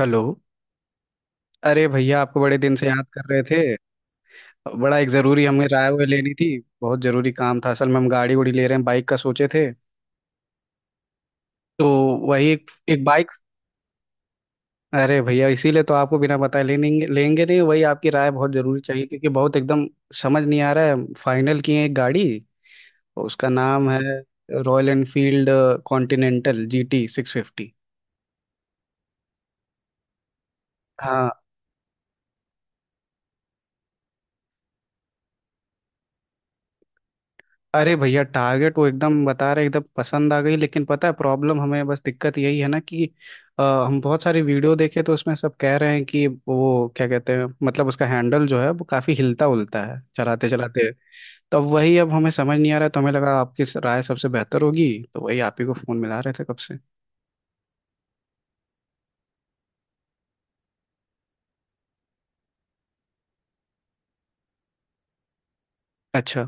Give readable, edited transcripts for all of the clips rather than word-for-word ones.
Hello. अरे भैया आपको बड़े दिन से याद कर रहे थे। बड़ा एक ज़रूरी हमें राय वाय लेनी थी। बहुत ज़रूरी काम था, असल में हम गाड़ी उड़ी ले रहे हैं, बाइक का सोचे थे। तो वही एक बाइक। अरे भैया इसीलिए तो आपको बिना बताए ले लेंगे, लेंगे नहीं, वही आपकी राय बहुत ज़रूरी चाहिए क्योंकि बहुत एकदम समझ नहीं आ रहा है। फाइनल किए हैं एक गाड़ी, उसका नाम है Royal Enfield Continental G T six fifty. हाँ। अरे भैया टारगेट वो एकदम बता रहे, एकदम पसंद आ गई, लेकिन पता है प्रॉब्लम, हमें बस दिक्कत यही है ना कि हम बहुत सारी वीडियो देखे तो उसमें सब कह रहे हैं कि वो क्या कहते हैं मतलब उसका हैंडल जो है वो काफी हिलता उलता है चलाते चलाते। तो अब वही अब हमें समझ नहीं आ रहा है, तो हमें लगा आपकी राय सबसे बेहतर होगी। तो वही आप ही को फोन मिला रहे थे कब से। अच्छा।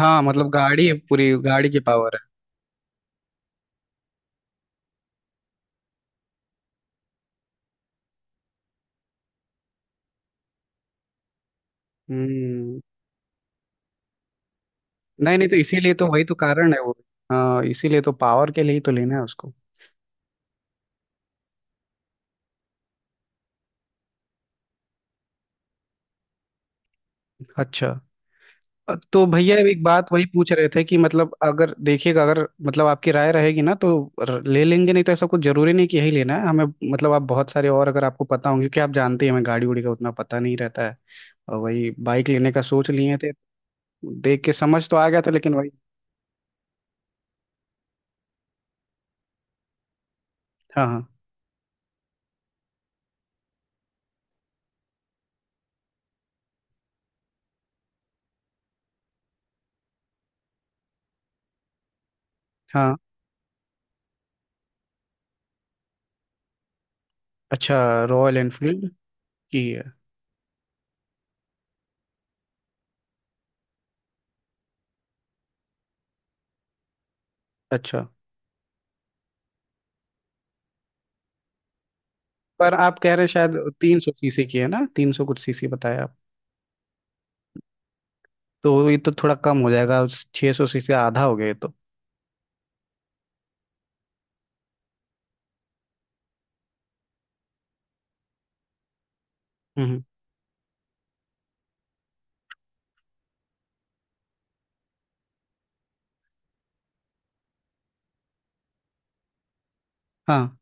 हाँ मतलब गाड़ी है, पूरी गाड़ी की पावर है। हम्म। नहीं नहीं, तो इसीलिए तो वही तो कारण है वो। हाँ इसीलिए तो पावर के लिए ही तो लेना है उसको। अच्छा। तो भैया एक बात वही पूछ रहे थे कि मतलब अगर देखिएगा, अगर मतलब आपकी राय रहेगी ना तो ले लेंगे, नहीं तो ऐसा कुछ जरूरी नहीं कि यही लेना है हमें। मतलब आप बहुत सारे और अगर आपको पता होंगे क्योंकि आप जानते हैं, हमें गाड़ी उड़ी का उतना पता नहीं रहता है। और वही बाइक लेने का सोच लिए थे, देख के समझ तो आ गया था लेकिन वही। हाँ हाँ हाँ। अच्छा, रॉयल एनफील्ड की है। अच्छा, पर आप कह रहे हैं शायद तीन सौ सीसी की है ना, तीन सौ कुछ सीसी बताया आप। तो ये तो थोड़ा कम हो जाएगा, छः सौ सीसी आधा हो गया ये तो। हम्म। हाँ,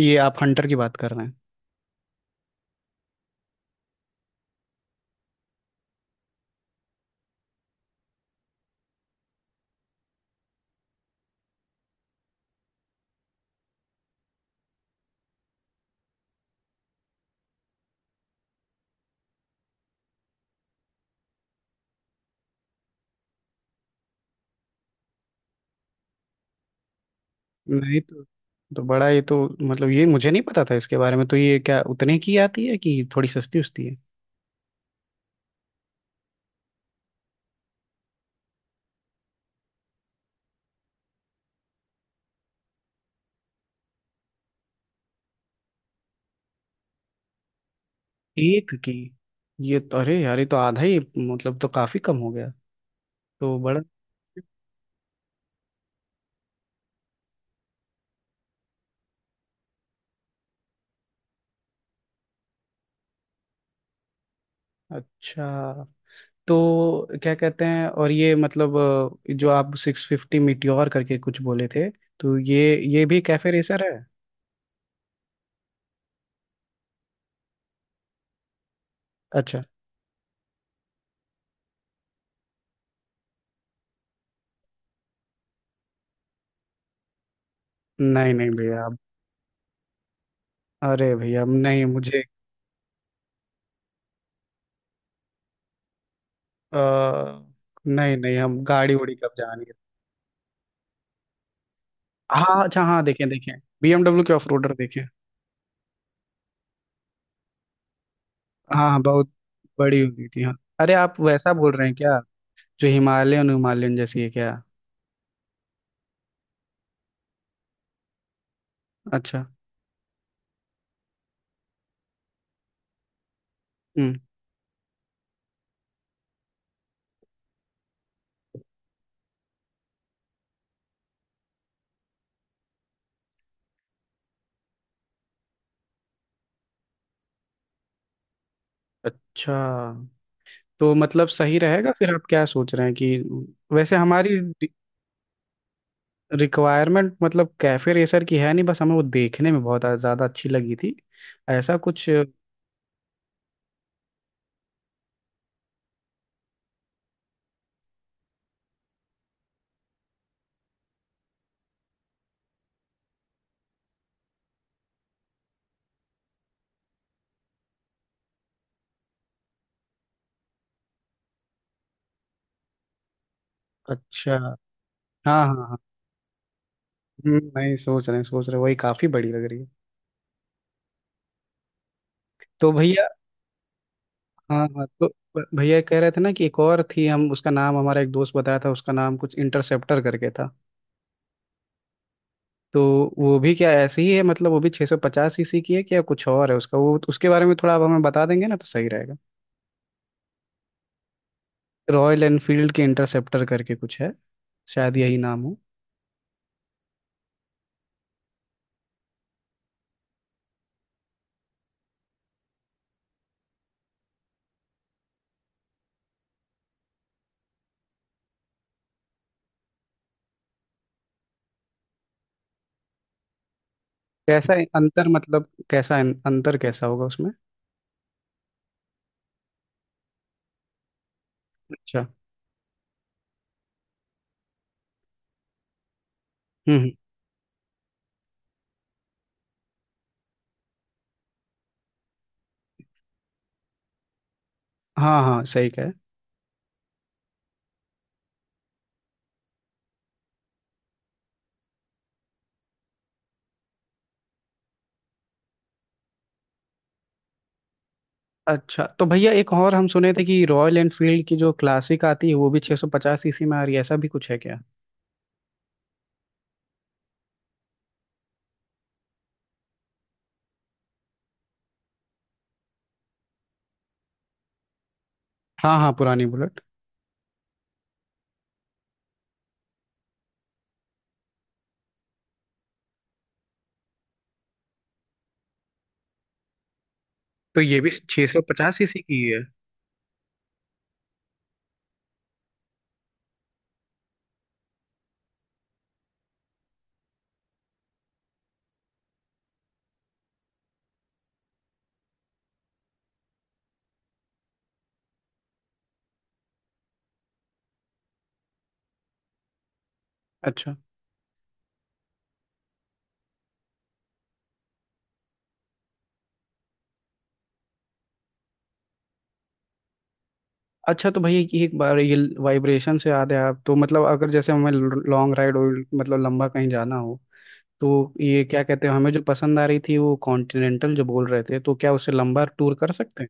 ये आप हंटर की बात कर रहे हैं। नहीं तो, तो बड़ा ये तो मतलब ये मुझे नहीं पता था इसके बारे में। तो ये क्या उतने की आती है कि थोड़ी सस्ती उस्ती है। एक की? ये तो अरे यार ये तो आधा ही, मतलब तो काफी कम हो गया। तो बड़ा अच्छा। तो क्या कहते हैं और ये मतलब जो आप सिक्स फिफ्टी मिट्योर करके कुछ बोले थे, तो ये भी कैफे रेसर है? अच्छा। नहीं नहीं भैया अब-, अरे भैया अब नहीं मुझे अ, नहीं नहीं, हम गाड़ी उड़ी कब जानी है। हाँ अच्छा, हाँ देखें देखें, बीएमडब्ल्यू के ऑफ रोडर देखें। हाँ हाँ, बहुत बड़ी हो गई थी हाँ। अरे आप वैसा बोल रहे हैं क्या, जो हिमालयन हिमालयन जैसी है क्या। अच्छा। हम्म। अच्छा, तो मतलब सही रहेगा फिर, आप क्या सोच रहे हैं कि वैसे हमारी रिक्वायरमेंट मतलब कैफे रेसर की है नहीं, बस हमें वो देखने में बहुत ज़्यादा अच्छी लगी थी, ऐसा कुछ। अच्छा। हाँ हाँ हाँ। नहीं सोच रहे हैं सोच रहे हैं, वही काफ़ी बड़ी लग रही है। तो भैया, हाँ हाँ तो भैया कह रहे थे ना कि एक और थी, हम उसका नाम, हमारा एक दोस्त बताया था, उसका नाम कुछ इंटरसेप्टर करके था। तो वो भी क्या ऐसी ही है, मतलब वो भी 650 सीसी की है क्या, कुछ और है उसका? वो उसके बारे में थोड़ा आप हमें बता देंगे ना तो सही रहेगा। रॉयल एनफील्ड के इंटरसेप्टर करके कुछ है, शायद यही नाम हो। कैसा है- अंतर कैसा होगा उसमें? अच्छा। हम्म हम्म, हाँ हाँ सही कहे। अच्छा तो भैया एक और हम सुने थे कि रॉयल एनफील्ड की जो क्लासिक आती है वो भी 650 सीसी में आ रही है, ऐसा भी कुछ है क्या? हाँ हाँ पुरानी बुलेट। तो ये भी 650 सीसी की ही है? अच्छा। अच्छा तो भाई ये एक बार ये वाइब्रेशन से याद है आप, तो मतलब अगर जैसे हमें लॉन्ग राइड और मतलब लंबा कहीं जाना हो तो ये क्या कहते हैं, हमें जो पसंद आ रही थी वो कॉन्टिनेंटल जो बोल रहे थे, तो क्या उससे लंबा टूर कर सकते हैं?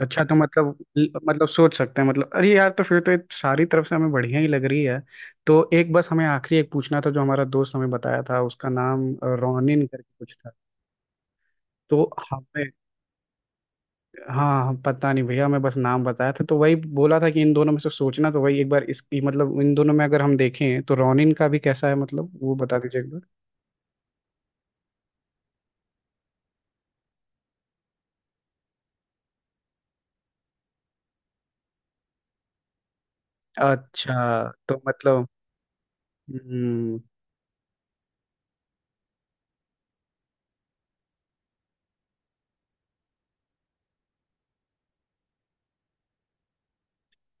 अच्छा तो मतलब, मतलब सोच सकते हैं? मतलब अरे यार तो फिर तो ये सारी तरफ से हमें बढ़िया ही लग रही है। तो एक बस हमें आखिरी एक पूछना था, जो हमारा दोस्त हमें बताया था उसका नाम रोनिन करके कुछ था। तो हमें हाँ हाँ, पता नहीं भैया, मैं बस नाम बताया था तो वही बोला था कि इन दोनों में से सोचना। तो वही एक बार इसकी, मतलब इन दोनों में अगर हम देखें, तो रोनिन का भी कैसा है मतलब वो बता दीजिए एक बार। अच्छा तो मतलब। हम्म।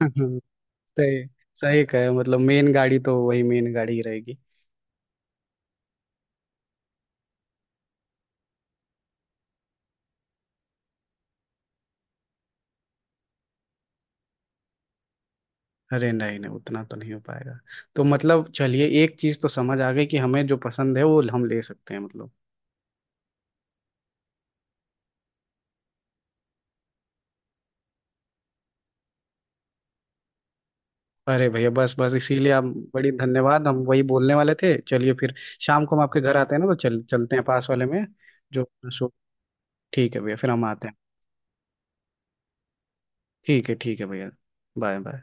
सही, सही कहे, मतलब मेन गाड़ी तो वही मेन गाड़ी ही रहेगी। अरे नहीं नहीं उतना तो नहीं हो पाएगा। तो मतलब चलिए, एक चीज तो समझ आ गई कि हमें जो पसंद है वो हम ले सकते हैं मतलब। अरे भैया बस बस इसीलिए आप, बड़ी धन्यवाद, हम वही बोलने वाले थे। चलिए फिर, शाम को हम आपके घर आते हैं ना तो चल चलते हैं पास वाले में। जो सो, ठीक है भैया, फिर हम आते हैं। ठीक है, ठीक है भैया। Bye bye.